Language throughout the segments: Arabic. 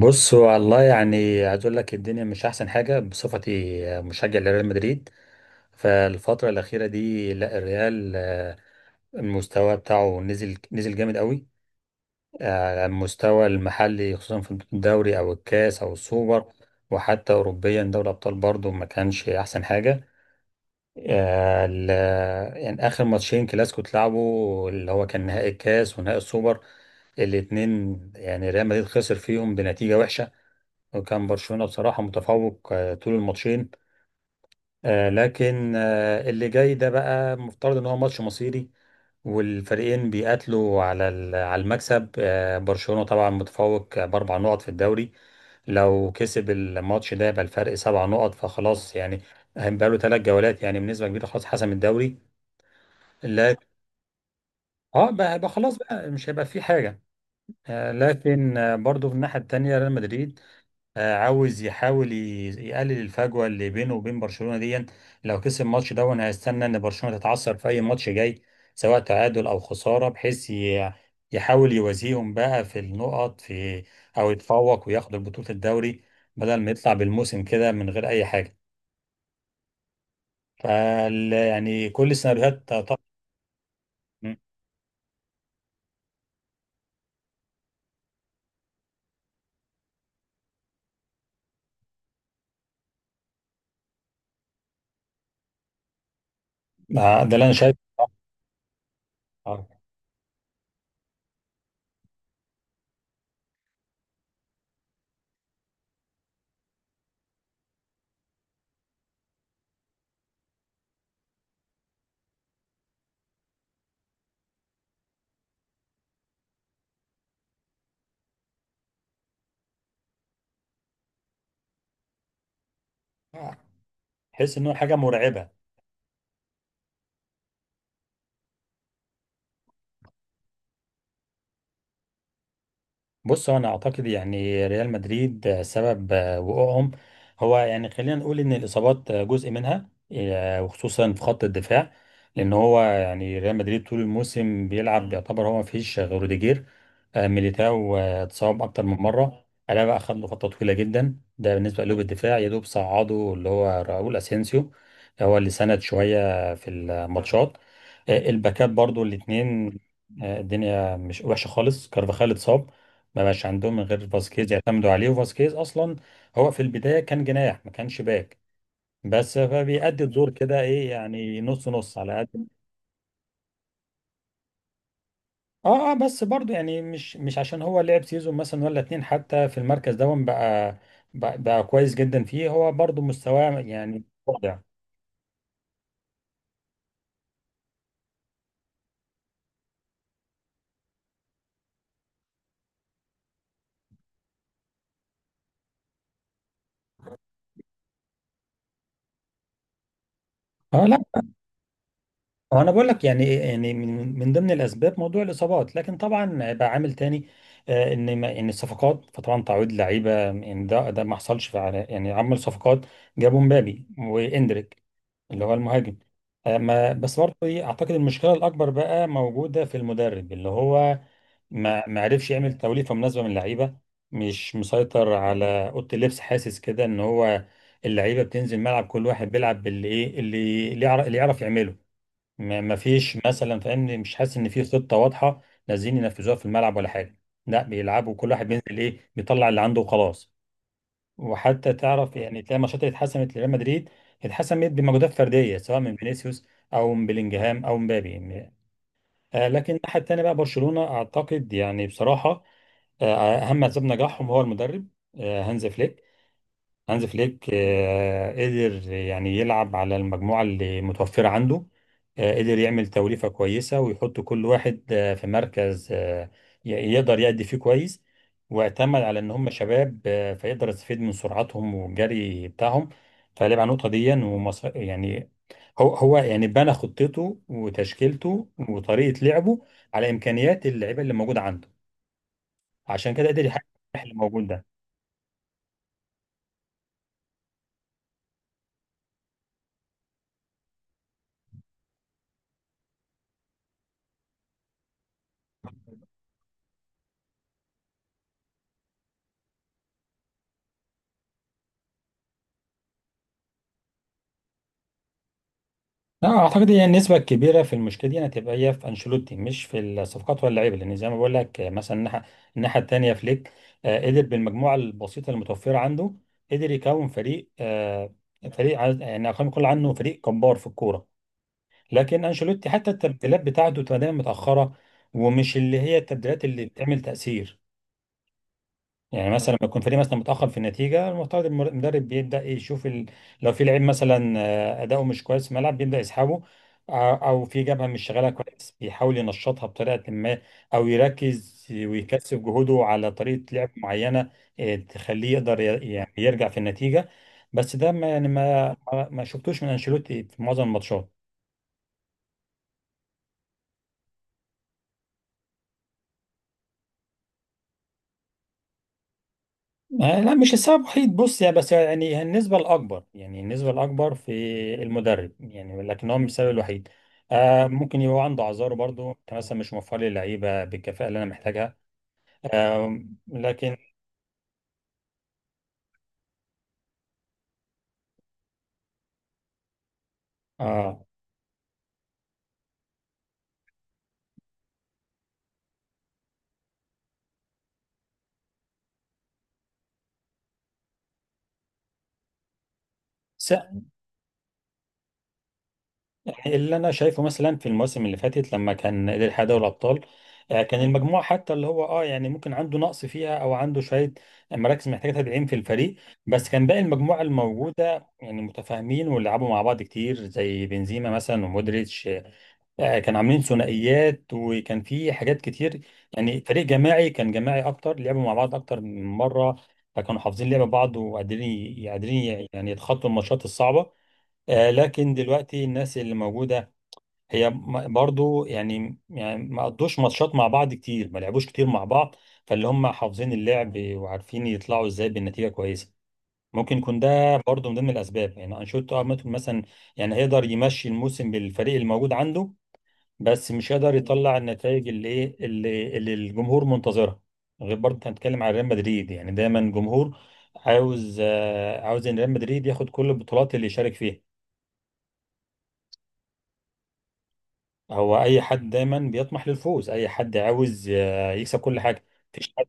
بص، هو والله يعني عايز اقول لك الدنيا مش احسن حاجه بصفتي مشجع لريال مدريد. فالفتره الاخيره دي لا الريال المستوى بتاعه نزل نزل جامد قوي على المستوى المحلي خصوصا في الدوري او الكاس او السوبر. وحتى اوروبيا دوري الابطال برضو ما كانش احسن حاجه. آه، ال- يعني اخر ماتشين كلاسيكو اتلعبوا اللي هو كان نهائي الكاس ونهائي السوبر الاتنين، يعني ريال مدريد خسر فيهم بنتيجه وحشه، وكان برشلونة بصراحة متفوق طول الماتشين. لكن اللي جاي ده بقى مفترض ان هو ماتش مصيري والفريقين بيقاتلوا على المكسب. برشلونة طبعا متفوق ب4 نقط في الدوري. لو كسب الماتش ده يبقى الفرق 7 نقط، فخلاص يعني هيبقى له 3 جولات، يعني بنسبة كبيرة خلاص حسم الدوري. لكن اه بقى خلاص بقى مش هيبقى في حاجة. لكن برضو في الناحية التانية ريال مدريد عاوز يحاول يقلل الفجوه اللي بينه وبين برشلونه دي لو كسب الماتش ده، وانا هستنى ان برشلونه تتعثر في اي ماتش جاي سواء تعادل او خساره، بحيث يحاول يوازيهم بقى في النقط في، او يتفوق وياخد بطوله الدوري بدل ما يطلع بالموسم كده من غير اي حاجه. فال يعني كل السيناريوهات طبعا. ده اللي انا شايفه. طبعاً. آه. حس انه حاجه مرعبه. بص، هو انا اعتقد يعني ريال مدريد سبب وقوعهم هو يعني خلينا نقول ان الاصابات جزء منها وخصوصا في خط الدفاع. لان هو يعني ريال مدريد طول الموسم بيلعب يعتبر هو ما فيش غير روديجير. ميليتاو اتصاب اكتر من مره. الابا اخذ له فتره طويله جدا. ده بالنسبه لقلوب الدفاع، يا دوب صعده اللي هو راؤول اسينسيو هو اللي سند شويه في الماتشات. الباكات برضو الاثنين، الدنيا مش وحشه خالص. كارفاخال اتصاب، ما بقاش عندهم من غير فاسكيز يعتمدوا عليه، وفاسكيز اصلا هو في البدايه كان جناح، ما كانش باك، بس فبيأدي الدور كده ايه، يعني نص نص على قد. اه اه بس برضو يعني مش عشان هو لعب سيزون مثلا ولا اتنين حتى في المركز ده بقى بقى كويس جدا فيه، هو برضو مستواه يعني واضع. اه لا، هو انا بقول لك يعني من ضمن الاسباب موضوع الاصابات، لكن طبعا بقى عامل تاني. ان ما ان الصفقات، فطبعا تعويض لعيبه يعني ده ما حصلش فعلا يعني عمل صفقات. جابوا مبابي واندريك اللي هو المهاجم. آه ما بس برضو ايه اعتقد المشكله الاكبر بقى موجوده في المدرب اللي هو ما عرفش يعمل توليفه مناسبه من اللعيبه. مش مسيطر على اوضه اللبس، حاسس كده ان هو اللعيبه بتنزل ملعب كل واحد بيلعب باللي ايه اللي يعرف يعمله. ما ما فيش مثلا فاهمني، مش حاسس ان في خطه واضحه نازلين ينفذوها في الملعب ولا حاجه. لا بيلعبوا كل واحد بينزل ايه، بيطلع اللي عنده وخلاص. وحتى تعرف يعني تلاقي ماتشات اللي اتحسمت لريال مدريد اتحسمت بمجهودات فرديه سواء من فينيسيوس او من بلينجهام او مبابي. لكن الناحيه الثانيه بقى برشلونه، اعتقد يعني بصراحه اهم اسباب نجاحهم هو المدرب هانز فليك. قدر يعني يلعب على المجموعه اللي متوفره عنده قدر يعمل توليفه كويسه ويحط كل واحد في مركز يقدر يأدي فيه كويس. واعتمد على ان هم شباب فيقدر يستفيد من سرعتهم والجري بتاعهم، فلعب على النقطه دي يعني هو يعني بنى خطته وتشكيلته وطريقه لعبه على امكانيات اللعيبه اللي موجوده عنده، عشان كده قدر يحقق النجاح اللي موجود ده. لا اعتقد هي النسبه الكبيره في المشكله دي هتبقى هي في انشيلوتي، مش في الصفقات ولا اللعيبه، لان زي ما بقول لك مثلا الناحيه الثانيه فليك قدر بالمجموعه البسيطه المتوفره عنده قدر يكون فريق يعني خلينا نقول عنه فريق جبار في الكوره. لكن انشيلوتي حتى التبديلات بتاعته تبقى دايما متاخره، ومش اللي هي التبديلات اللي بتعمل تاثير. يعني مثلا لما يكون فريق مثلا متاخر في النتيجه، المفترض المدرب بيبدا يشوف لو في لعيب مثلا اداؤه مش كويس في الملعب بيبدا يسحبه، او في جبهه مش شغاله كويس بيحاول ينشطها بطريقه ما، او يركز ويكثف جهوده على طريقه لعب معينه تخليه يقدر يعني يرجع في النتيجه. بس ده ما يعني ما شفتوش من انشيلوتي في معظم الماتشات. لا، مش السبب الوحيد. بص يعني، بس يعني النسبة الأكبر في المدرب، يعني لكن هو مش السبب الوحيد. ممكن يبقى عنده أعذاره برضو، أنت مثلا مش موفر لي اللعيبة بالكفاءة اللي أنا محتاجها آه لكن آه يعني اللي انا شايفه مثلا في المواسم اللي فاتت لما كان قدر يحقق دوري الابطال كان المجموعه حتى اللي هو يعني ممكن عنده نقص فيها، او عنده شويه مراكز محتاجه تدعيم في الفريق، بس كان باقي المجموعه الموجوده يعني متفاهمين ولعبوا مع بعض كتير زي بنزيما مثلا ومودريتش كانوا عاملين ثنائيات، وكان في حاجات كتير. يعني فريق جماعي، كان جماعي اكتر، لعبوا مع بعض اكتر من مره، فكانوا حافظين لعب بعض وقادرين قادرين يعني يتخطوا الماتشات الصعبه. لكن دلوقتي الناس اللي موجودة هي برضو يعني ما قضوش ماتشات مع بعض كتير، ما لعبوش كتير مع بعض، فاللي هم حافظين اللعب وعارفين يطلعوا ازاي بالنتيجه كويسه. ممكن يكون ده برضو من ضمن الاسباب. يعني انشيلوتي ممكن مثلا يعني هيقدر يمشي الموسم بالفريق الموجود عنده، بس مش هيقدر يطلع النتائج اللي الجمهور منتظرها. غير برضو إحنا هنتكلم عن ريال مدريد، يعني دايما الجمهور عاوز عاوز ان ريال مدريد ياخد كل البطولات اللي يشارك فيها. هو اي حد دايما بيطمح للفوز، اي حد عاوز يكسب كل حاجه. مفيش حد،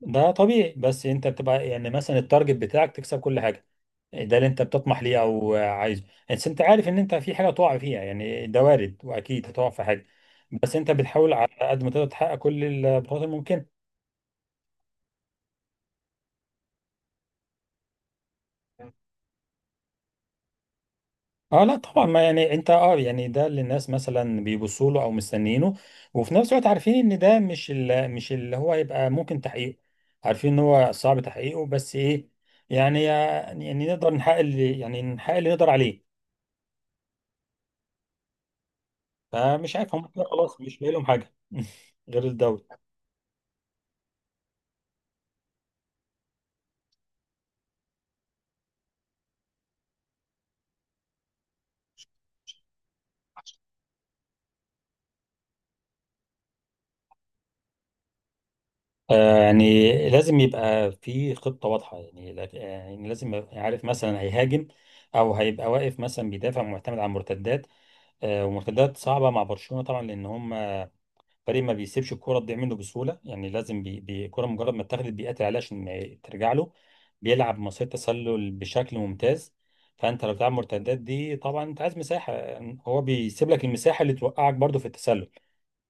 ده طبيعي، بس انت بتبقى يعني مثلا التارجت بتاعك تكسب كل حاجه، ده اللي انت بتطمح ليه او عايزه. بس انت عارف ان انت في حاجه تقع فيها، يعني ده وارد واكيد هتقع في حاجه، بس انت بتحاول على قد ما تقدر تحقق كل البطولات الممكنه. اه لا طبعا ما يعني انت يعني ده اللي الناس مثلا بيبصوا له او مستنيينه، وفي نفس الوقت عارفين ان ده مش اللي هو يبقى ممكن تحقيقه، عارفين ان هو صعب تحقيقه، بس ايه يعني نقدر نحقق اللي نقدر عليه. فمش عارف، هم كده خلاص مش باقي لهم حاجه غير الدوري. يعني لازم يبقى في خطه واضحه، يعني يعني لازم يبقى يعني عارف مثلا هيهاجم، او هيبقى واقف مثلا بيدافع معتمد على المرتدات ومرتدات صعبه مع برشلونه طبعا. لان هم فريق ما بيسيبش الكرة تضيع منه بسهولة، يعني لازم الكرة مجرد ما اتاخدت بيقاتل عليها عشان ما ترجع له، بيلعب مسيرة تسلل بشكل ممتاز. فأنت لو بتلعب مرتدات دي طبعا أنت عايز مساحة، هو بيسيب لك المساحة اللي توقعك برضو في التسلل.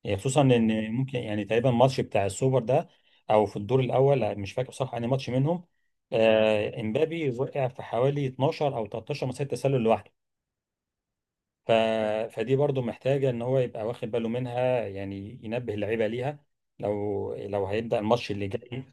يعني خصوصا إن ممكن يعني تقريبا الماتش بتاع السوبر ده أو في الدور الأول، مش فاكر بصراحة أنهي ماتش منهم، امبابي وقع في حوالي 12 أو 13 مسيرة تسلل لوحده. ف... فدي برضو محتاجة ان هو يبقى واخد باله منها، يعني ينبه اللعيبة ليها لو هيبدأ الماتش اللي جاي.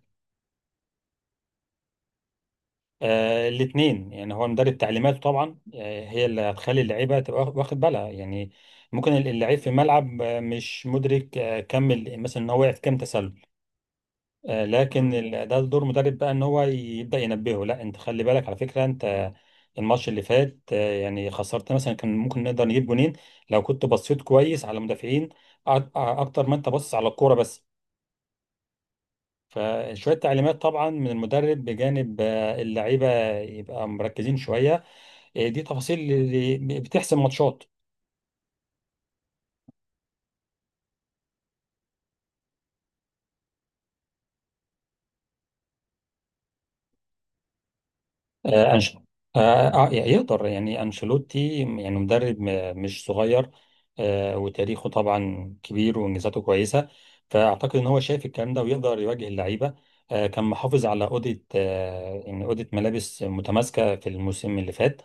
الاثنين، يعني هو مدرب تعليماته طبعا هي اللي هتخلي اللعيبة تبقى واخد بالها، يعني ممكن اللعيب في الملعب مش مدرك مثلا ان هو وقع في كام تسلل، لكن ده دور مدرب بقى ان هو يبدا ينبهه، لا انت خلي بالك على فكره انت الماتش اللي فات يعني خسرت مثلا كان ممكن نقدر نجيب جونين لو كنت بصيت كويس على المدافعين اكتر ما انت بص على الكوره بس. فشويه تعليمات طبعا من المدرب بجانب اللعيبه يبقى مركزين شويه، دي تفاصيل اللي بتحسم ماتشات. آه، أنش... يقدر يعني أنشيلوتي، يعني مدرب مش صغير وتاريخه طبعا كبير وإنجازاته كويسة، فأعتقد إن هو شايف الكلام ده ويقدر يواجه اللعيبة. كان محافظ على أوضة يعني أوضة ملابس متماسكة في الموسم اللي فات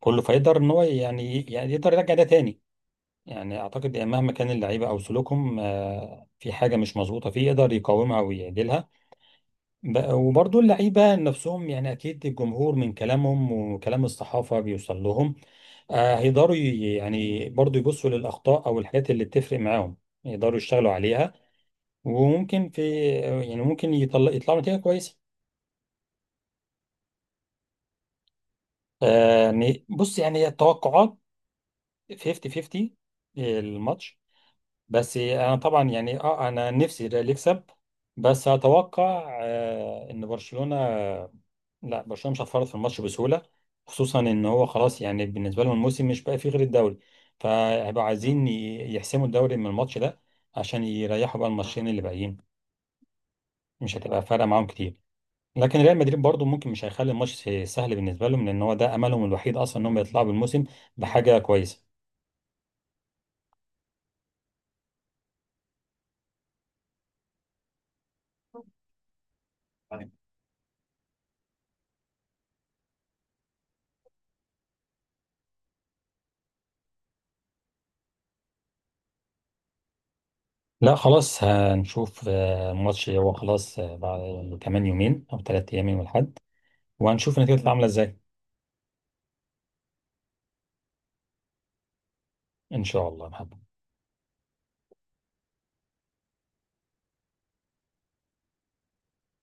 كله، فيقدر إن هو يعني يقدر يرجع ده تاني. يعني أعتقد يعني مهما كان اللعيبة أو سلوكهم في حاجة مش مظبوطة فيه يقدر يقاومها ويعدلها. وبرضه اللعيبة نفسهم يعني أكيد الجمهور من كلامهم وكلام الصحافة بيوصل لهم. هيقدروا يعني برضه يبصوا للأخطاء أو الحاجات اللي بتفرق معاهم، يقدروا يشتغلوا عليها. وممكن في، يعني ممكن يطلعوا نتيجة كويسة. يعني بص يعني التوقعات 50-50 الماتش. بس انا طبعا يعني انا نفسي الريال يكسب، بس اتوقع ان برشلونة، لا برشلونة مش هتفرط في الماتش بسهولة، خصوصا ان هو خلاص يعني بالنسبة لهم الموسم مش بقى فيه غير الدوري، فهيبقوا عايزين يحسموا الدوري من الماتش ده عشان يريحوا بقى الماتشين اللي باقيين، مش هتبقى فارقة معاهم كتير. لكن ريال مدريد برضو ممكن مش هيخلي الماتش سهل بالنسبة لهم، لان هو ده املهم الوحيد اصلا انهم يطلعوا بالموسم بحاجة كويسة. لا خلاص، هنشوف الماتش هو خلاص بعد كمان يومين او 3 ايام يوم الاحد، وهنشوف النتيجه هتبقى عامله ازاي. ان شاء الله يا محمد.